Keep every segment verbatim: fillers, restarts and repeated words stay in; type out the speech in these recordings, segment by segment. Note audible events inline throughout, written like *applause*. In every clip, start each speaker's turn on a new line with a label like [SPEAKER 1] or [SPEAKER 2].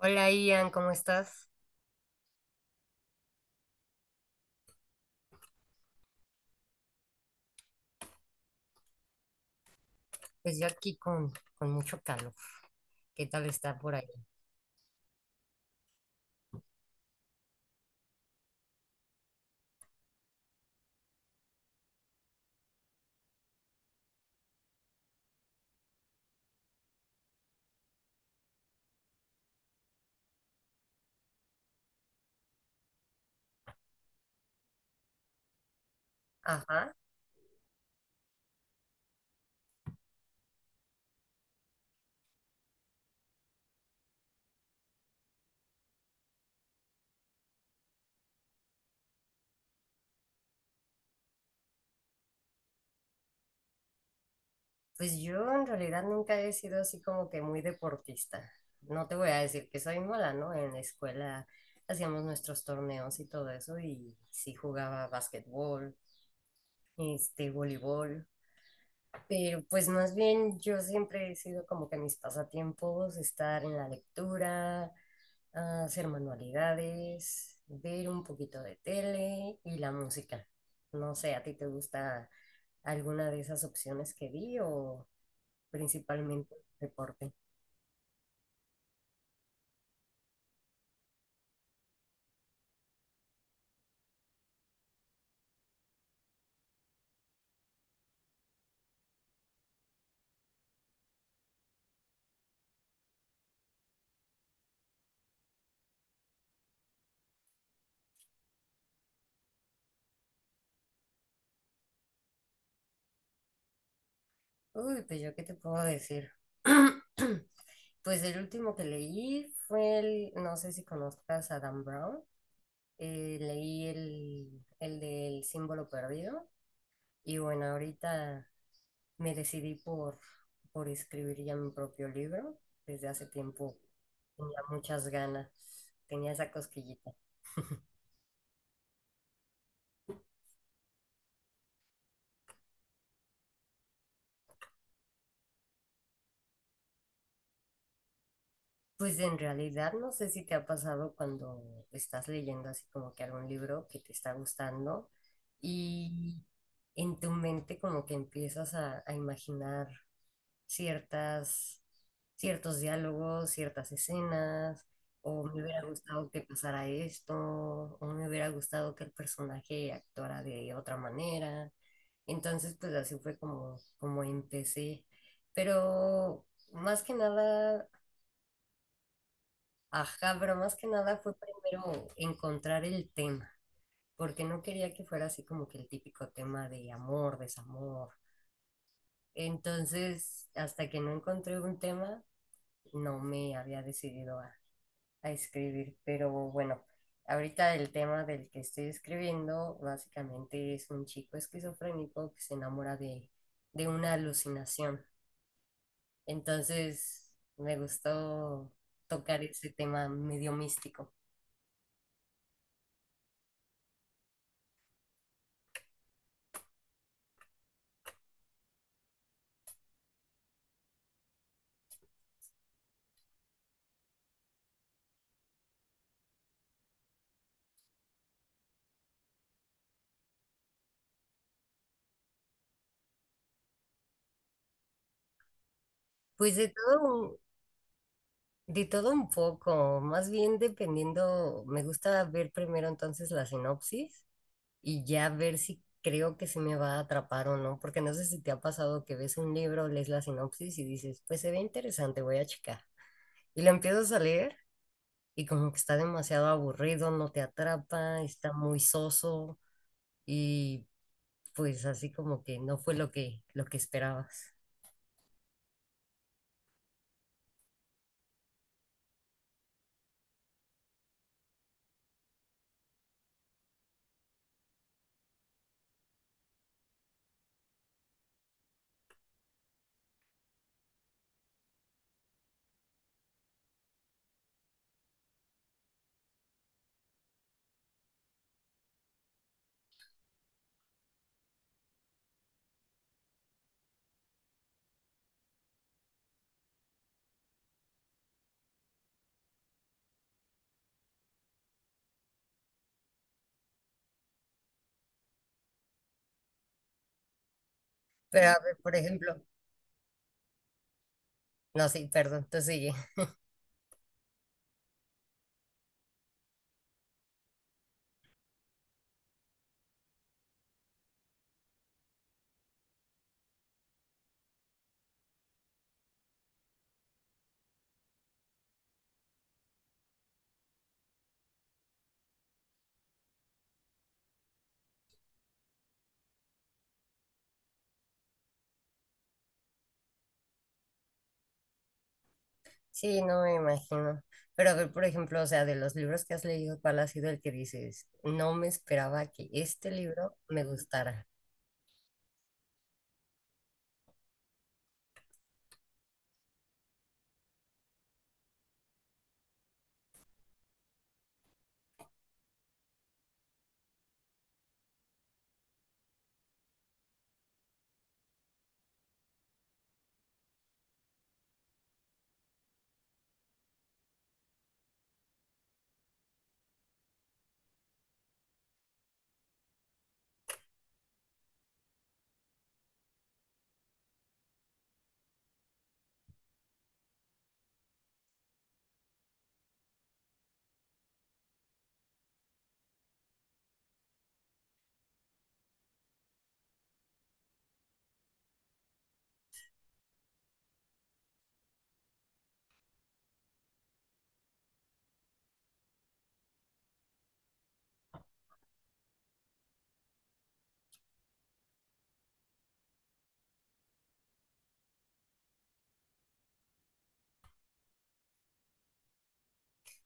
[SPEAKER 1] Hola Ian, ¿cómo estás? Pues yo aquí con, con mucho calor. ¿Qué tal está por ahí? Ajá. Pues yo en realidad nunca he sido así como que muy deportista. No te voy a decir que soy mala, ¿no? En la escuela hacíamos nuestros torneos y todo eso y sí jugaba básquetbol, este, voleibol, pero pues más bien yo siempre he sido como que mis pasatiempos, estar en la lectura, a hacer manualidades, ver un poquito de tele y la música. No sé, ¿a ti te gusta alguna de esas opciones que di o principalmente deporte? Uy, pues yo qué te puedo decir. *clears throat* Pues el último que leí fue el, no sé si conozcas a Dan Brown, eh, leí el, el del símbolo perdido y bueno, ahorita me decidí por, por escribir ya mi propio libro. Desde hace tiempo tenía muchas ganas, tenía esa cosquillita. Pues en realidad no sé si te ha pasado cuando estás leyendo así como que algún libro que te está gustando y en tu mente como que empiezas a, a imaginar ciertas, ciertos diálogos, ciertas escenas, o me hubiera gustado que pasara esto, o me hubiera gustado que el personaje actuara de otra manera. Entonces, pues así fue como, como empecé. Pero más que nada, ajá, pero más que nada fue primero encontrar el tema, porque no quería que fuera así como que el típico tema de amor, desamor. Entonces, hasta que no encontré un tema, no me había decidido a, a escribir, pero bueno, ahorita el tema del que estoy escribiendo básicamente es un chico esquizofrénico que se enamora de, de una alucinación. Entonces me gustó tocar ese tema medio místico. Pues de todo un- de todo un poco, más bien dependiendo, me gusta ver primero entonces la sinopsis y ya ver si creo que se me va a atrapar o no, porque no sé si te ha pasado que ves un libro, lees la sinopsis y dices, pues se ve interesante, voy a checar. Y lo empiezas a leer y como que está demasiado aburrido, no te atrapa, está muy soso y pues así como que no fue lo que, lo que esperabas. Pero a ver, por ejemplo, no, sí, perdón, tú sigue. *laughs* Sí, no me imagino. Pero a ver, por ejemplo, o sea, de los libros que has leído, ¿cuál ha sido el que dices, no me esperaba que este libro me gustara?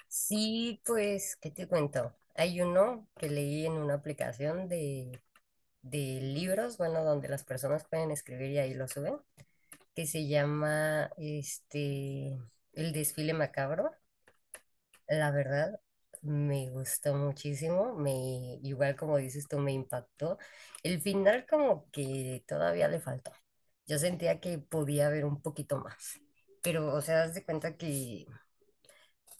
[SPEAKER 1] Sí, pues, ¿qué te cuento? Hay uno que leí en una aplicación de, de libros, bueno, donde las personas pueden escribir y ahí lo suben, que se llama este, El desfile macabro. La verdad, me gustó muchísimo, me, igual como dices tú, me impactó. El final como que todavía le faltó. Yo sentía que podía haber un poquito más, pero, o sea, das de cuenta que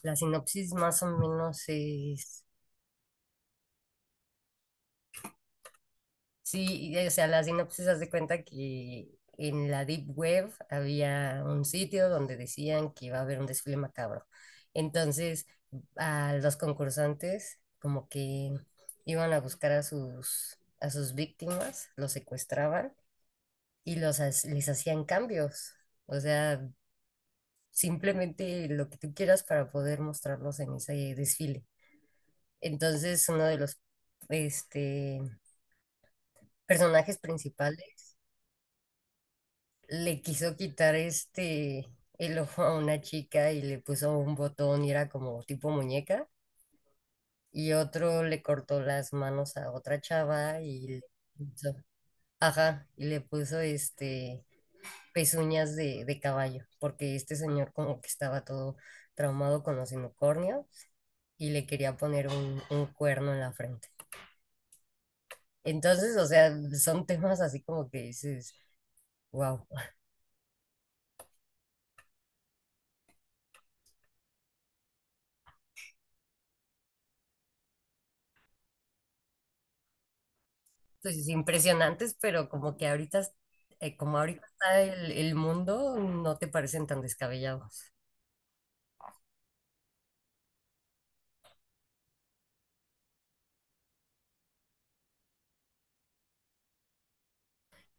[SPEAKER 1] la sinopsis más o menos es... Sí, y, o sea, la sinopsis hace cuenta que en la Deep Web había un sitio donde decían que iba a haber un desfile macabro. Entonces, a los concursantes como que iban a buscar a sus, a sus víctimas, los secuestraban y los, ha- les hacían cambios. O sea, simplemente lo que tú quieras para poder mostrarlos en ese desfile. Entonces, uno de los este, personajes principales le quiso quitar este el ojo a una chica y le puso un botón y era como tipo muñeca. Y otro le cortó las manos a otra chava y le puso, ajá, y le puso este pezuñas de, de caballo, porque este señor como que estaba todo traumado con los unicornios y le quería poner un, un cuerno en la frente. Entonces, o sea, son temas así como que dices, wow. Pues, sí, impresionantes, pero como que ahorita, eh, como ahorita está el, el mundo, no te parecen tan descabellados.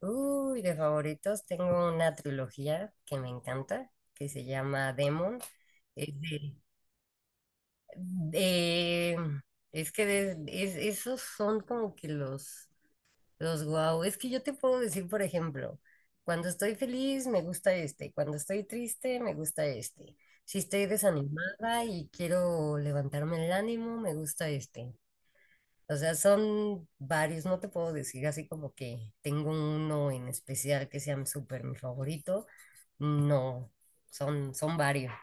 [SPEAKER 1] Uy, de favoritos tengo una trilogía que me encanta, que se llama Demon. Es de- de- es que de- es- esos son como que los... Los wow, es que yo te puedo decir, por ejemplo, cuando estoy feliz me gusta este, cuando estoy triste me gusta este. Si estoy desanimada y quiero levantarme el ánimo, me gusta este. O sea, son varios, no te puedo decir así como que tengo uno en especial que sea súper mi favorito. No, son, son varios.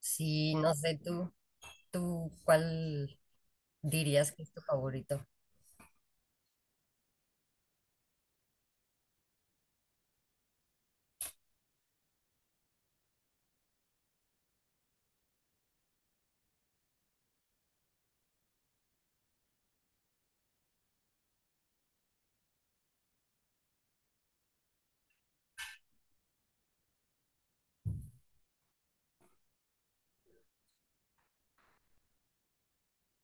[SPEAKER 1] Sí, no sé, tú, tú, ¿cuál dirías que es tu favorito?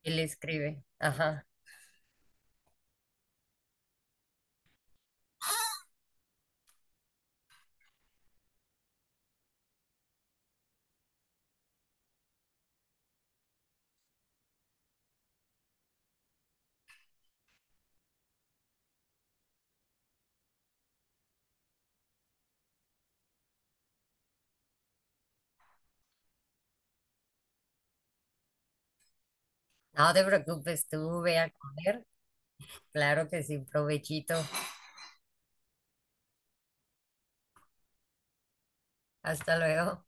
[SPEAKER 1] Él escribe, ajá. No te preocupes, tú ve a comer. Claro que sí, provechito. Hasta luego.